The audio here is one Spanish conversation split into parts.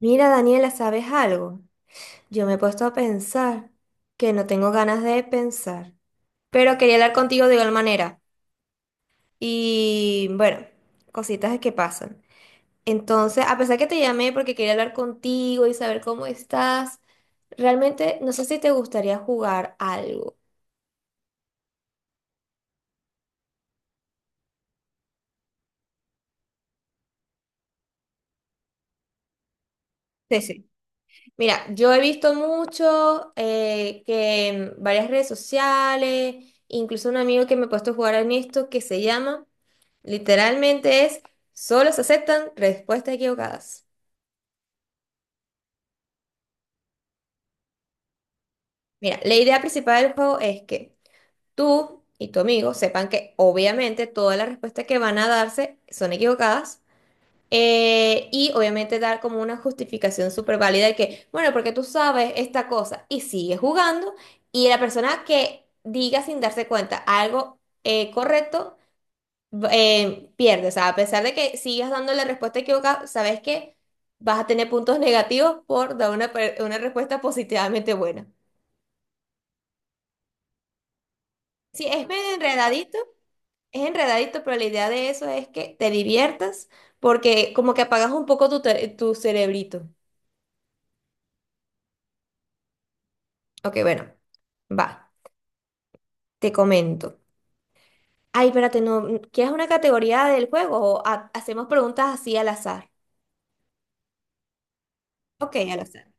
Mira, Daniela, ¿sabes algo? Yo me he puesto a pensar que no tengo ganas de pensar, pero quería hablar contigo de igual manera. Y bueno, cositas que pasan. Entonces, a pesar que te llamé porque quería hablar contigo y saber cómo estás, realmente no sé si te gustaría jugar algo. Sí, sí. Mira, yo he visto mucho que en varias redes sociales, incluso un amigo que me ha puesto a jugar en esto que se llama. Literalmente es, solo se aceptan respuestas equivocadas. Mira, la idea principal del juego es que tú y tu amigo sepan que obviamente todas las respuestas que van a darse son equivocadas. Y obviamente dar como una justificación súper válida de que, bueno, porque tú sabes esta cosa y sigues jugando y la persona que diga sin darse cuenta algo correcto pierdes. O sea, a pesar de que sigas dando la respuesta equivocada, sabes que vas a tener puntos negativos por dar una respuesta positivamente buena. Sí, es medio enredadito, es enredadito, pero la idea de eso es que te diviertas porque como que apagas un poco tu cerebrito. Ok, bueno, va, te comento. Ay, espérate, no, ¿quieres una categoría del juego o hacemos preguntas así al azar? Ok, al azar.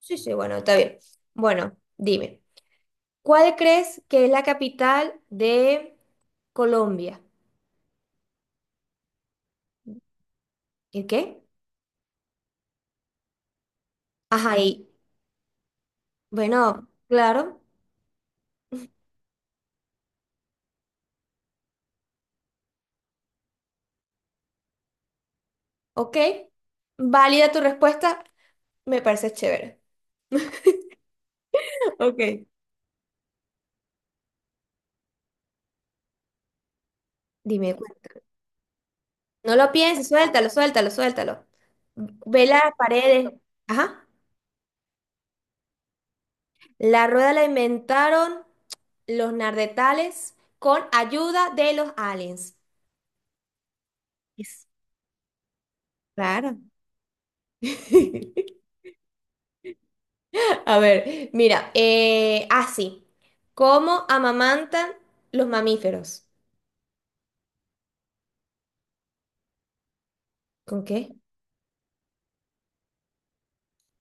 Sí, sí, bueno, está bien. Bueno, dime. ¿Cuál crees que es la capital de Colombia? ¿El qué? Ajá, y bueno, claro, ok. Válida tu respuesta, me parece chévere. Ok. Dime, no lo pienses, suéltalo, suéltalo, suéltalo. Ve las paredes. Ajá. La rueda la inventaron los nardetales con ayuda de los aliens. Es raro. A ver, mira, sí. ¿Cómo amamantan los mamíferos? ¿Con qué?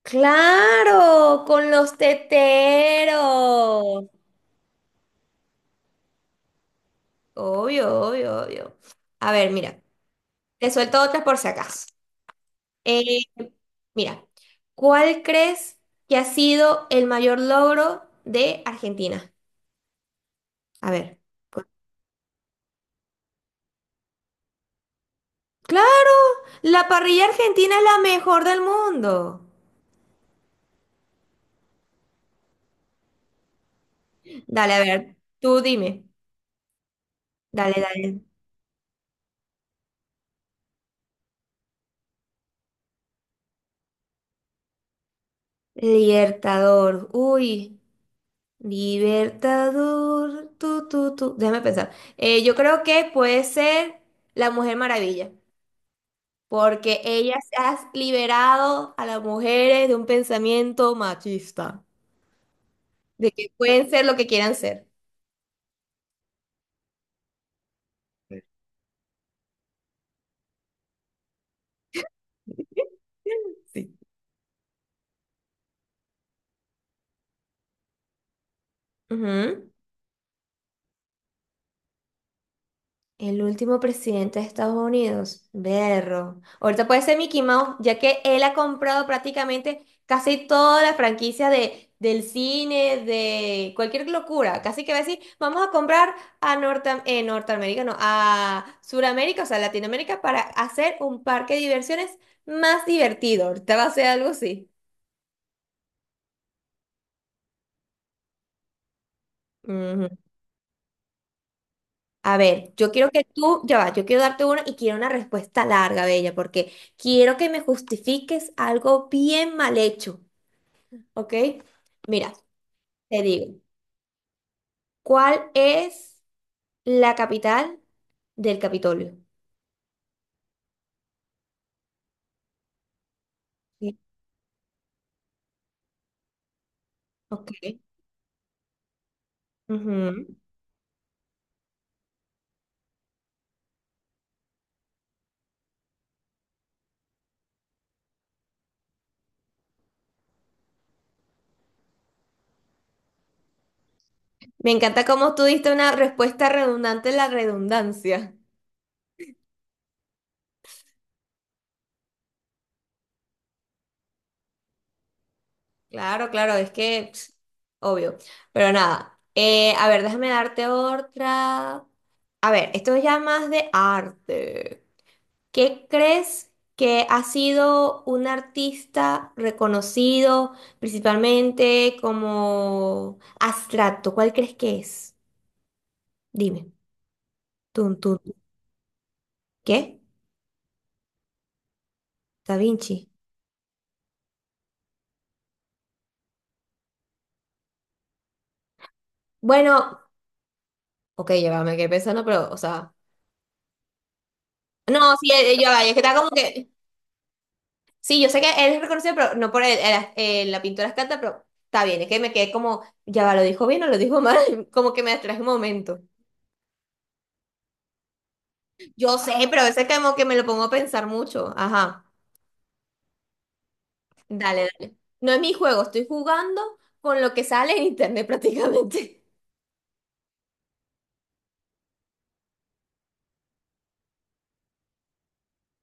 ¡Claro! Con los teteros. Obvio, obvio, obvio. A ver, mira, te suelto otras por si acaso. Eh, mira, ¿cuál crees que ha sido el mayor logro de Argentina? A ver. cu- Claro, la parrilla argentina es la mejor del mundo. Dale, a ver, tú dime. Dale, dale. Libertador, uy, Libertador, tú. Déjame pensar. Yo creo que puede ser la Mujer Maravilla, porque ella se ha liberado a las mujeres de un pensamiento machista, de que pueden ser lo que quieran ser. Sí. Ujú. El último presidente de Estados Unidos, berro. Ahorita puede ser Mickey Mouse, ya que él ha comprado prácticamente casi toda la franquicia del cine, de cualquier locura. Casi que va a decir, vamos a comprar a Norte, Norteamérica, no, a Suramérica, o sea, Latinoamérica, para hacer un parque de diversiones más divertido. Ahorita va a ser algo así. A ver, yo quiero que tú, ya va, yo quiero darte una y quiero una respuesta larga, Bella, porque quiero que me justifiques algo bien mal hecho, ¿ok? Mira, te digo, ¿cuál es la capital del Capitolio? Sí. Ok. Ujú. Me encanta cómo tú diste una respuesta redundante en la redundancia. Claro, claro, es que, pss, obvio. Pero nada, a ver, déjame darte otra. A ver, esto es ya más de arte. ¿Qué crees que ha sido un artista reconocido principalmente como abstracto? ¿Cuál crees que es? Dime. Tun, tun. ¿Qué? Da Vinci. Bueno, ok, ya va, me quedé pensando, pero, o sea. No, sí, ya va, es que está como que. Sí, yo sé que él es reconocido, pero no por la pintura abstracta, pero está bien, es que me quedé como, ya va, ¿lo dijo bien o lo dijo mal? Como que me distraje un momento. Yo sé, pero a veces como que me lo pongo a pensar mucho. Ajá. Dale, dale. No es mi juego, estoy jugando con lo que sale en internet prácticamente.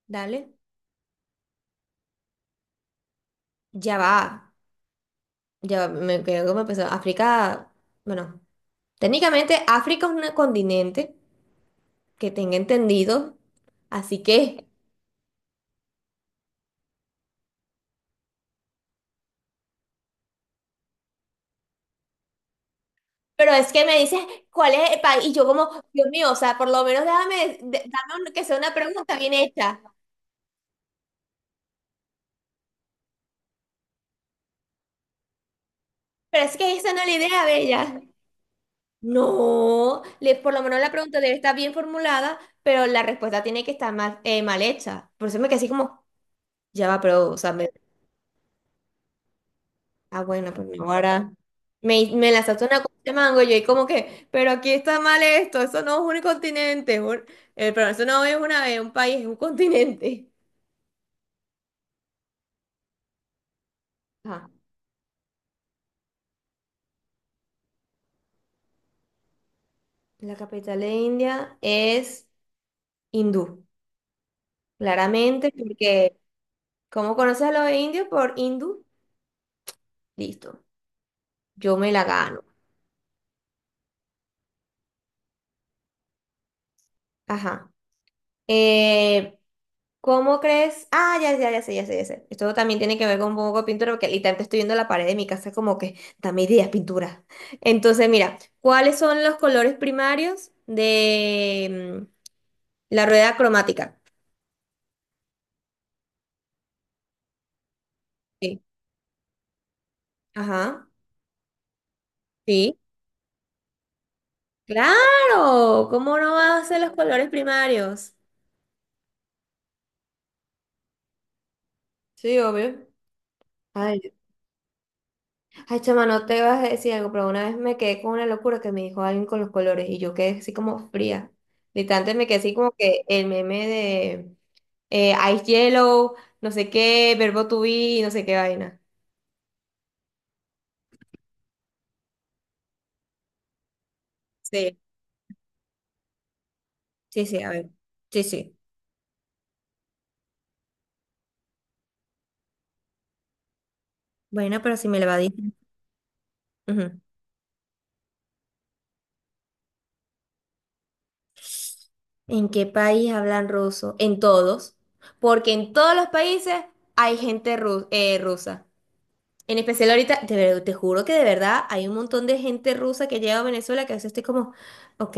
Dale. Ya va. Ya va, me quedo como empezó. África, bueno, técnicamente África es un continente que tenga entendido. Así que, pero es que me dices cuál es el país y yo como, Dios mío, o sea, por lo menos déjame, dame que sea una pregunta bien hecha. Pero es que esa no es la idea, bella. No, por lo menos la pregunta debe estar bien formulada, pero la respuesta tiene que estar mal, mal hecha. Por eso me quedé así como, ya va, pero, o sea, ah, bueno, pues no, ahora me lanzaste una cosa de mango y yo, y como que, pero aquí está mal esto, eso no es un continente, pero eso no es una, es un país, es un continente. Ajá. La capital de India es hindú, claramente, porque, ¿cómo conoces a los indios? Por hindú, listo, yo me la gano. Ajá. Eh, ¿Cómo crees? Ah, ya, ya, ya sé, ya sé, ya sé. Esto también tiene que ver con un poco de pintura, porque literalmente estoy viendo la pared de mi casa como que, dame ideas, pintura. Entonces, mira, ¿cuáles son los colores primarios de la rueda cromática? Sí. Ajá. Sí. Claro. ¿Cómo no vas a ser los colores primarios? Sí, obvio. Ay, chama, no te vas a decir algo, pero una vez me quedé con una locura que me dijo alguien con los colores y yo quedé así como fría. Literalmente me quedé así como que el meme de Ice Yellow, no sé qué, verbo to be, no sé qué vaina. Sí, sí, sí, a ver. Sí, sí. Bueno, pero si me la di. Ujú. ¿En qué país hablan ruso? En todos. Porque en todos los países hay gente rusa. En especial ahorita, te juro que de verdad hay un montón de gente rusa que llega a Venezuela que a veces estoy como, ok,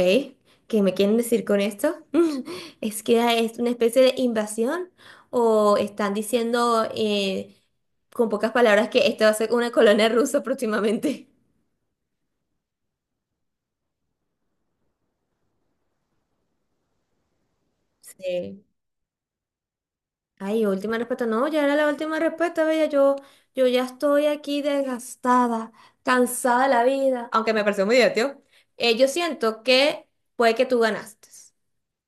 ¿qué me quieren decir con esto? ¿Es que es una especie de invasión? ¿O están diciendo con pocas palabras que esto va a ser una colonia rusa próximamente? Sí. Ay, última respuesta. No, ya era la última respuesta, bella. Yo ya estoy aquí desgastada, cansada de la vida. Aunque me pareció muy divertido. Yo siento que puede que tú ganaste.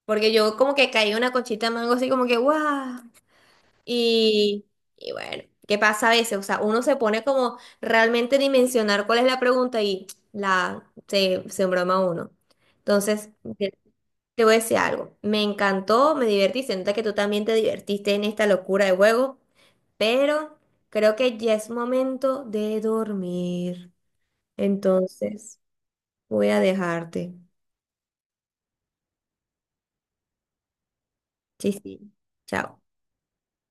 Porque yo como que caí una cochita de mango así como que ¡guau! Y, y bueno, ¿qué pasa a veces? O sea, uno se pone como realmente a dimensionar cuál es la pregunta y se embroma uno. Entonces, te, te voy a decir algo. Me encantó, me divertí. Se nota que tú también te divertiste en esta locura de juego, pero creo que ya es momento de dormir. Entonces, voy a dejarte. Sí, sí. Chao.